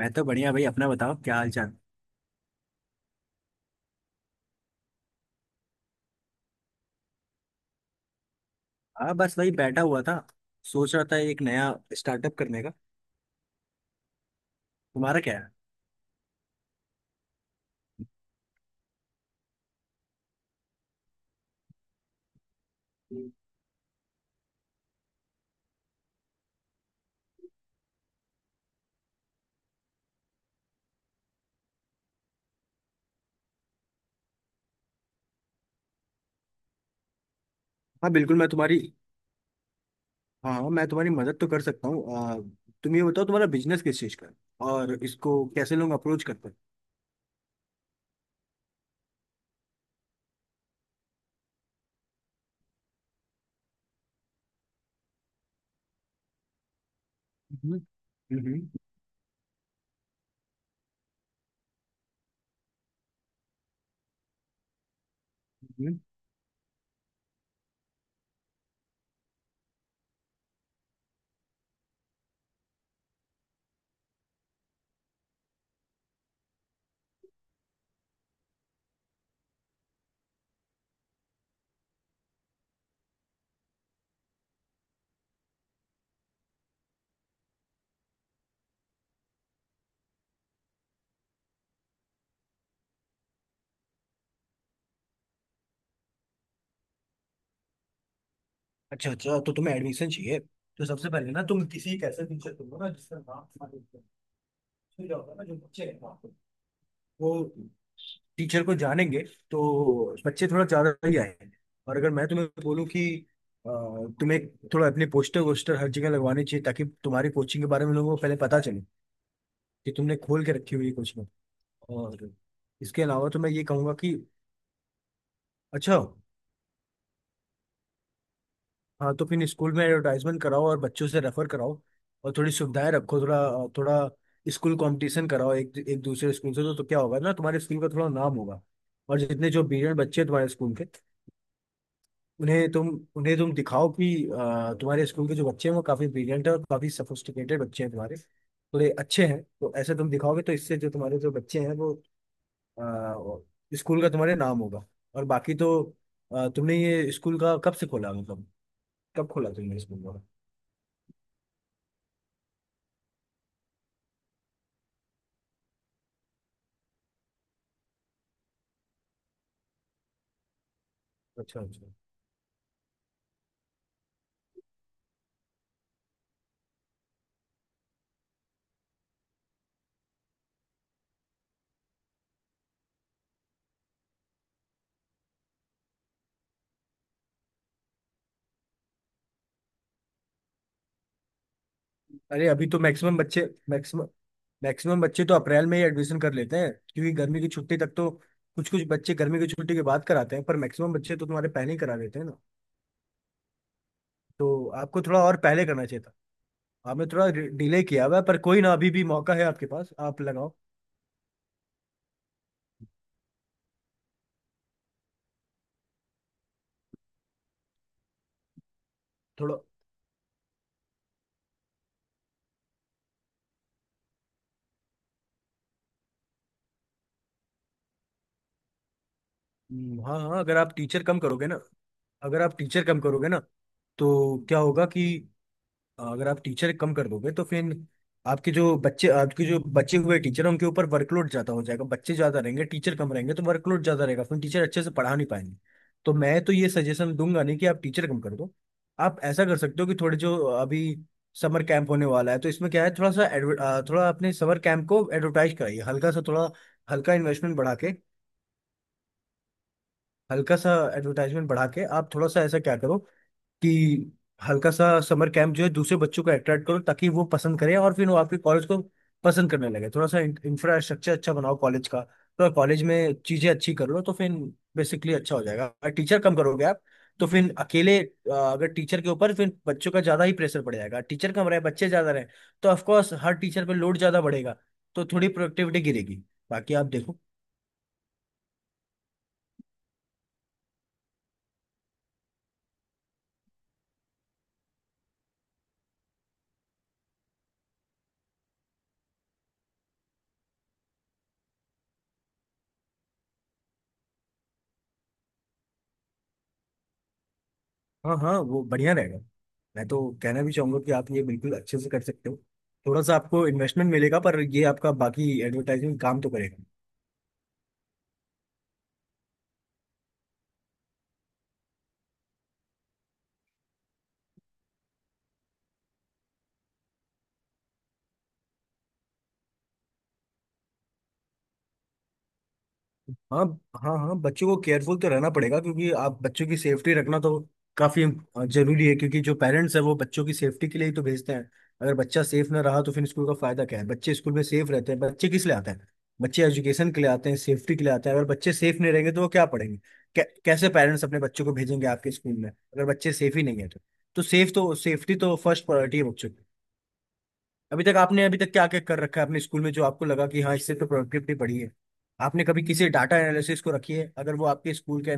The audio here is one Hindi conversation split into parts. मैं तो बढ़िया भाई। अपना बताओ क्या हाल चाल। हाँ बस वही बैठा हुआ था। सोच रहा था एक नया स्टार्टअप करने का। तुम्हारा क्या है। हाँ बिल्कुल मैं तुम्हारी हाँ हाँ, मैं तुम्हारी मदद तो कर सकता हूँ। तुम ये बताओ तुम्हारा बिजनेस किस चीज़ का है और इसको कैसे लोग अप्रोच करते हैं। हम्म। हम्म। हम्म। अच्छा अच्छा, तो तुम्हें एडमिशन चाहिए। तो सबसे पहले ना तुम किसी एक ऐसे टीचर को ना जिसका नाम तुम्हारे ऊपर है। उसमें क्या होता है ना जो बच्चे हैं ना, वो टीचर को जानेंगे तो बच्चे थोड़ा ज्यादा ही आएंगे। और अगर मैं तुम्हें बोलूँ कि अ, तुम्हें थोड़ा अपने पोस्टर वोस्टर हर जगह लगवाने चाहिए ताकि तुम्हारी कोचिंग के बारे में लोगों को पहले पता चले कि तुमने खोल के रखी हुई है कोचिंग। और इसके अलावा तो मैं ये कहूँगा कि अच्छा। हाँ, तो फिर स्कूल में एडवर्टाइजमेंट कराओ और बच्चों से रेफर कराओ। और थोड़ी सुविधाएं रखो, थोड़ा थोड़ा स्कूल कंपटीशन कराओ एक एक दूसरे स्कूल से, तो क्या होगा ना तुम्हारे स्कूल का थोड़ा नाम होगा। और जितने जो ब्रिलियंट बच्चे हैं तुम्हारे स्कूल के उन्हें तुम उन्हें तुम दिखाओ कि तुम्हारे स्कूल के जो बच्चे हैं वो काफी ब्रिलियंट है और काफी सोफिस्टिकेटेड बच्चे हैं तुम्हारे, थोड़े अच्छे हैं। तो ऐसे तुम दिखाओगे तो इससे जो तुम्हारे जो बच्चे हैं वो स्कूल का तुम्हारे नाम होगा। और बाकी तो तुमने ये स्कूल का कब से खोला, मतलब कब खोला तुमने स्कूल का। अच्छा अच्छा। अरे अभी तो मैक्सिमम मैक्सिमम बच्चे तो अप्रैल में ही एडमिशन कर लेते हैं, क्योंकि गर्मी की छुट्टी तक तो कुछ कुछ बच्चे गर्मी की छुट्टी के बाद कराते हैं, पर मैक्सिमम बच्चे तो तुम्हारे पहले ही करा देते हैं ना। तो आपको थोड़ा और पहले करना चाहिए था। आपने थोड़ा डिले किया हुआ है, पर कोई ना, अभी भी मौका है आपके पास, आप लगाओ। थोड़ा हाँ हाँ, अगर आप टीचर कम करोगे ना अगर आप टीचर कम करोगे ना तो क्या होगा कि अगर आप टीचर कम कर दोगे तो फिर आपके जो बच्चे, आपके जो बचे हुए टीचर हैं उनके ऊपर वर्कलोड ज्यादा हो जाएगा। बच्चे ज्यादा रहेंगे, टीचर कम रहेंगे तो वर्कलोड ज्यादा रहेगा, फिर टीचर अच्छे से पढ़ा नहीं पाएंगे। तो मैं तो ये सजेशन दूंगा नहीं कि आप टीचर कम कर दो। आप ऐसा कर सकते हो कि थोड़े जो अभी समर कैंप होने वाला है, तो इसमें क्या है, थोड़ा सा थोड़ा अपने समर कैंप को एडवर्टाइज कराइए हल्का सा। थोड़ा हल्का इन्वेस्टमेंट बढ़ा के, हल्का सा एडवर्टाइजमेंट बढ़ा के आप थोड़ा सा ऐसा क्या करो कि हल्का सा समर कैंप जो है दूसरे बच्चों को अट्रैक्ट करो ताकि वो पसंद करें और फिर वो आपके कॉलेज को पसंद करने लगे। थोड़ा सा इंफ्रास्ट्रक्चर अच्छा बनाओ कॉलेज का, तो कॉलेज में चीजें अच्छी कर लो तो फिर बेसिकली अच्छा हो जाएगा। अगर टीचर कम करोगे आप तो फिर अकेले अगर टीचर के ऊपर फिर बच्चों का ज्यादा ही प्रेशर पड़ जाएगा। टीचर कम रहे, बच्चे ज्यादा रहे तो ऑफकोर्स हर टीचर पे लोड ज्यादा बढ़ेगा, तो थोड़ी प्रोडक्टिविटी गिरेगी। बाकी आप देखो। हाँ हाँ, वो बढ़िया रहेगा। मैं तो कहना भी चाहूंगा कि आप ये बिल्कुल अच्छे से कर सकते हो। थोड़ा सा आपको इन्वेस्टमेंट मिलेगा, पर ये आपका बाकी एडवर्टाइजिंग काम तो करेगा। हाँ। हाँ हाँ, बच्चों को केयरफुल तो रहना पड़ेगा, क्योंकि आप बच्चों की सेफ्टी रखना तो काफी जरूरी है, क्योंकि जो पेरेंट्स है वो बच्चों की सेफ्टी के लिए ही तो भेजते हैं। अगर बच्चा सेफ ना रहा तो फिर स्कूल का फायदा क्या है। बच्चे स्कूल में सेफ रहते हैं, बच्चे किस लिए आते हैं, बच्चे एजुकेशन के लिए आते हैं, सेफ्टी के लिए आते हैं। अगर बच्चे सेफ नहीं रहेंगे तो वो क्या पढ़ेंगे, कैसे पेरेंट्स अपने बच्चों को भेजेंगे आपके स्कूल में अगर बच्चे सेफ ही नहीं है तो। सेफ्टी तो फर्स्ट प्रायोरिटी है बच्चों की। अभी तक क्या क्या कर रखा है अपने स्कूल में जो आपको लगा कि हाँ इससे तो प्रोडक्टिविटी बढ़ी है। आपने कभी किसी डाटा एनालिसिस को रखी है अगर वो आपके स्कूल के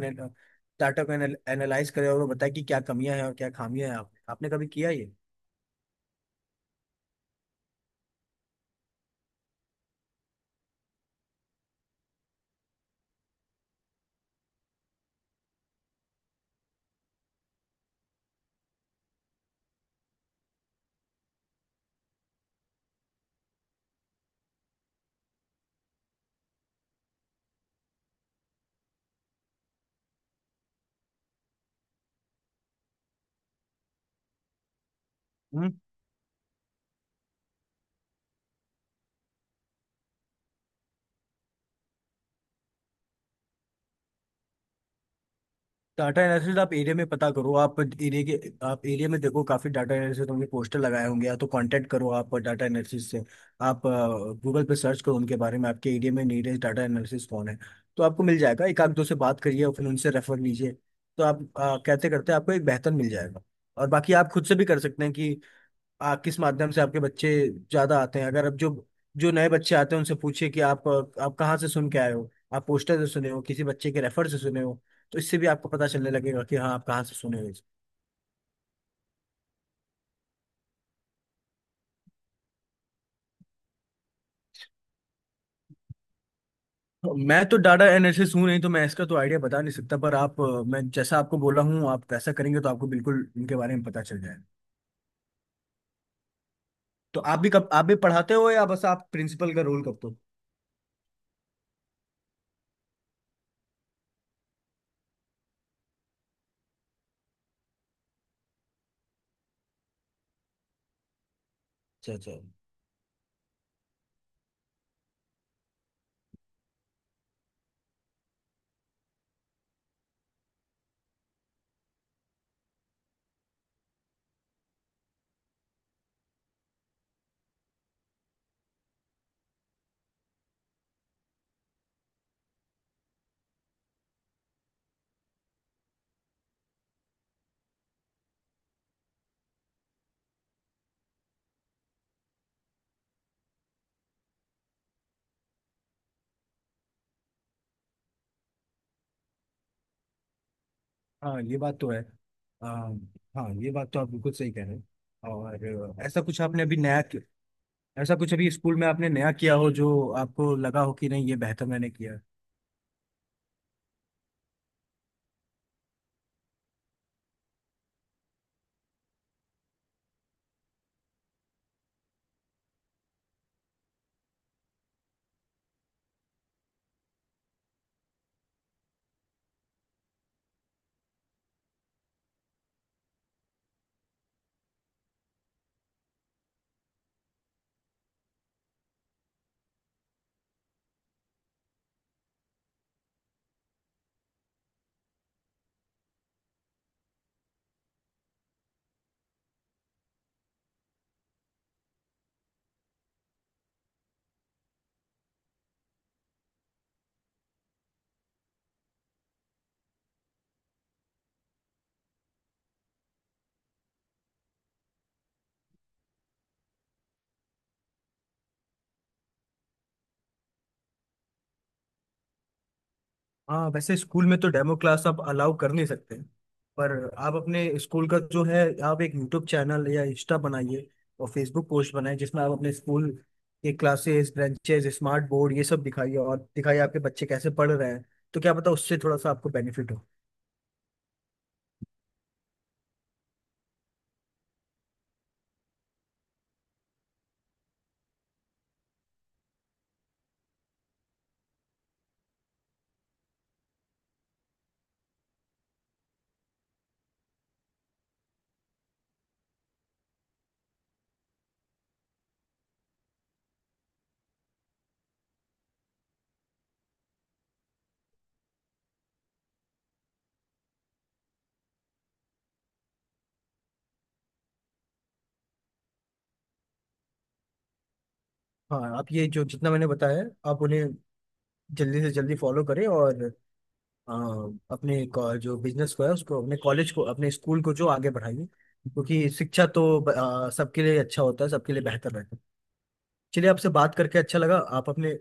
डाटा को एनालाइज करे और वो बताए कि क्या कमियां हैं और क्या खामियां हैं, आपने कभी किया ये। डाटा एनालिसिस आप एरिया में पता करो। आप एरिया में देखो काफी डाटा एनालिसिस होंगे, पोस्टर लगाए होंगे, या तो कांटेक्ट करो आप डाटा एनालिसिस से। आप गूगल पे सर्च करो उनके बारे में, आपके एरिया में नीडेस्ट डाटा एनालिसिस कौन है, तो आपको मिल जाएगा। एक आध दो से बात करिए और फिर उनसे रेफर लीजिए, तो आप कहते करते आपको एक बेहतर मिल जाएगा। और बाकी आप खुद से भी कर सकते हैं कि किस माध्यम से आपके बच्चे ज्यादा आते हैं। अगर अब जो जो नए बच्चे आते हैं उनसे पूछिए कि आप कहाँ से सुन के आए हो, आप पोस्टर से सुने हो, किसी बच्चे के रेफर से सुने हो, तो इससे भी आपको पता चलने लगेगा कि हाँ, आप कहाँ से सुने हो इसे। मैं तो डाटा एनालिसिस हूँ नहीं, तो मैं इसका तो आइडिया बता नहीं सकता, पर आप मैं जैसा आपको बोला हूँ आप वैसा करेंगे तो आपको बिल्कुल इनके बारे में पता चल जाएगा। तो आप भी कब, आप भी पढ़ाते हो या बस आप प्रिंसिपल का रोल करते हो। अच्छा अच्छा। हाँ ये बात तो है। आ, हाँ ये बात तो आप बिल्कुल सही कह रहे हैं। और अ, ऐसा कुछ आपने अभी नया कि- ऐसा कुछ अभी स्कूल में आपने नया किया हो जो आपको लगा हो कि नहीं ये बेहतर मैंने किया। हाँ वैसे स्कूल में तो डेमो क्लास आप अलाउ कर नहीं सकते, पर आप अपने स्कूल का जो है, आप एक यूट्यूब चैनल या इंस्टा बनाइए और फेसबुक पोस्ट बनाइए जिसमें आप अपने स्कूल के क्लासेस, ब्रांचेस, स्मार्ट बोर्ड ये सब दिखाइए और दिखाइए आपके बच्चे कैसे पढ़ रहे हैं। तो क्या पता उससे थोड़ा सा आपको बेनिफिट हो। हाँ आप ये जो जितना मैंने बताया, आप उन्हें जल्दी से जल्दी फॉलो करें और अ, जो बिजनेस को है उसको, अपने कॉलेज को, अपने स्कूल को जो आगे बढ़ाइए, क्योंकि शिक्षा तो सबके लिए अच्छा होता है, सबके लिए बेहतर रहता है। चलिए आपसे बात करके अच्छा लगा। आप अपने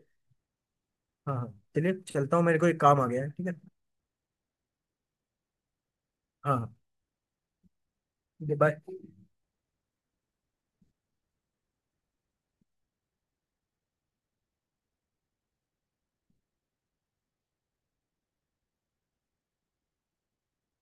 हाँ हाँ, चलिए चलता हूँ, मेरे को एक काम आ गया है। ठीक है। हाँ हाँ। ठीक है, बाय।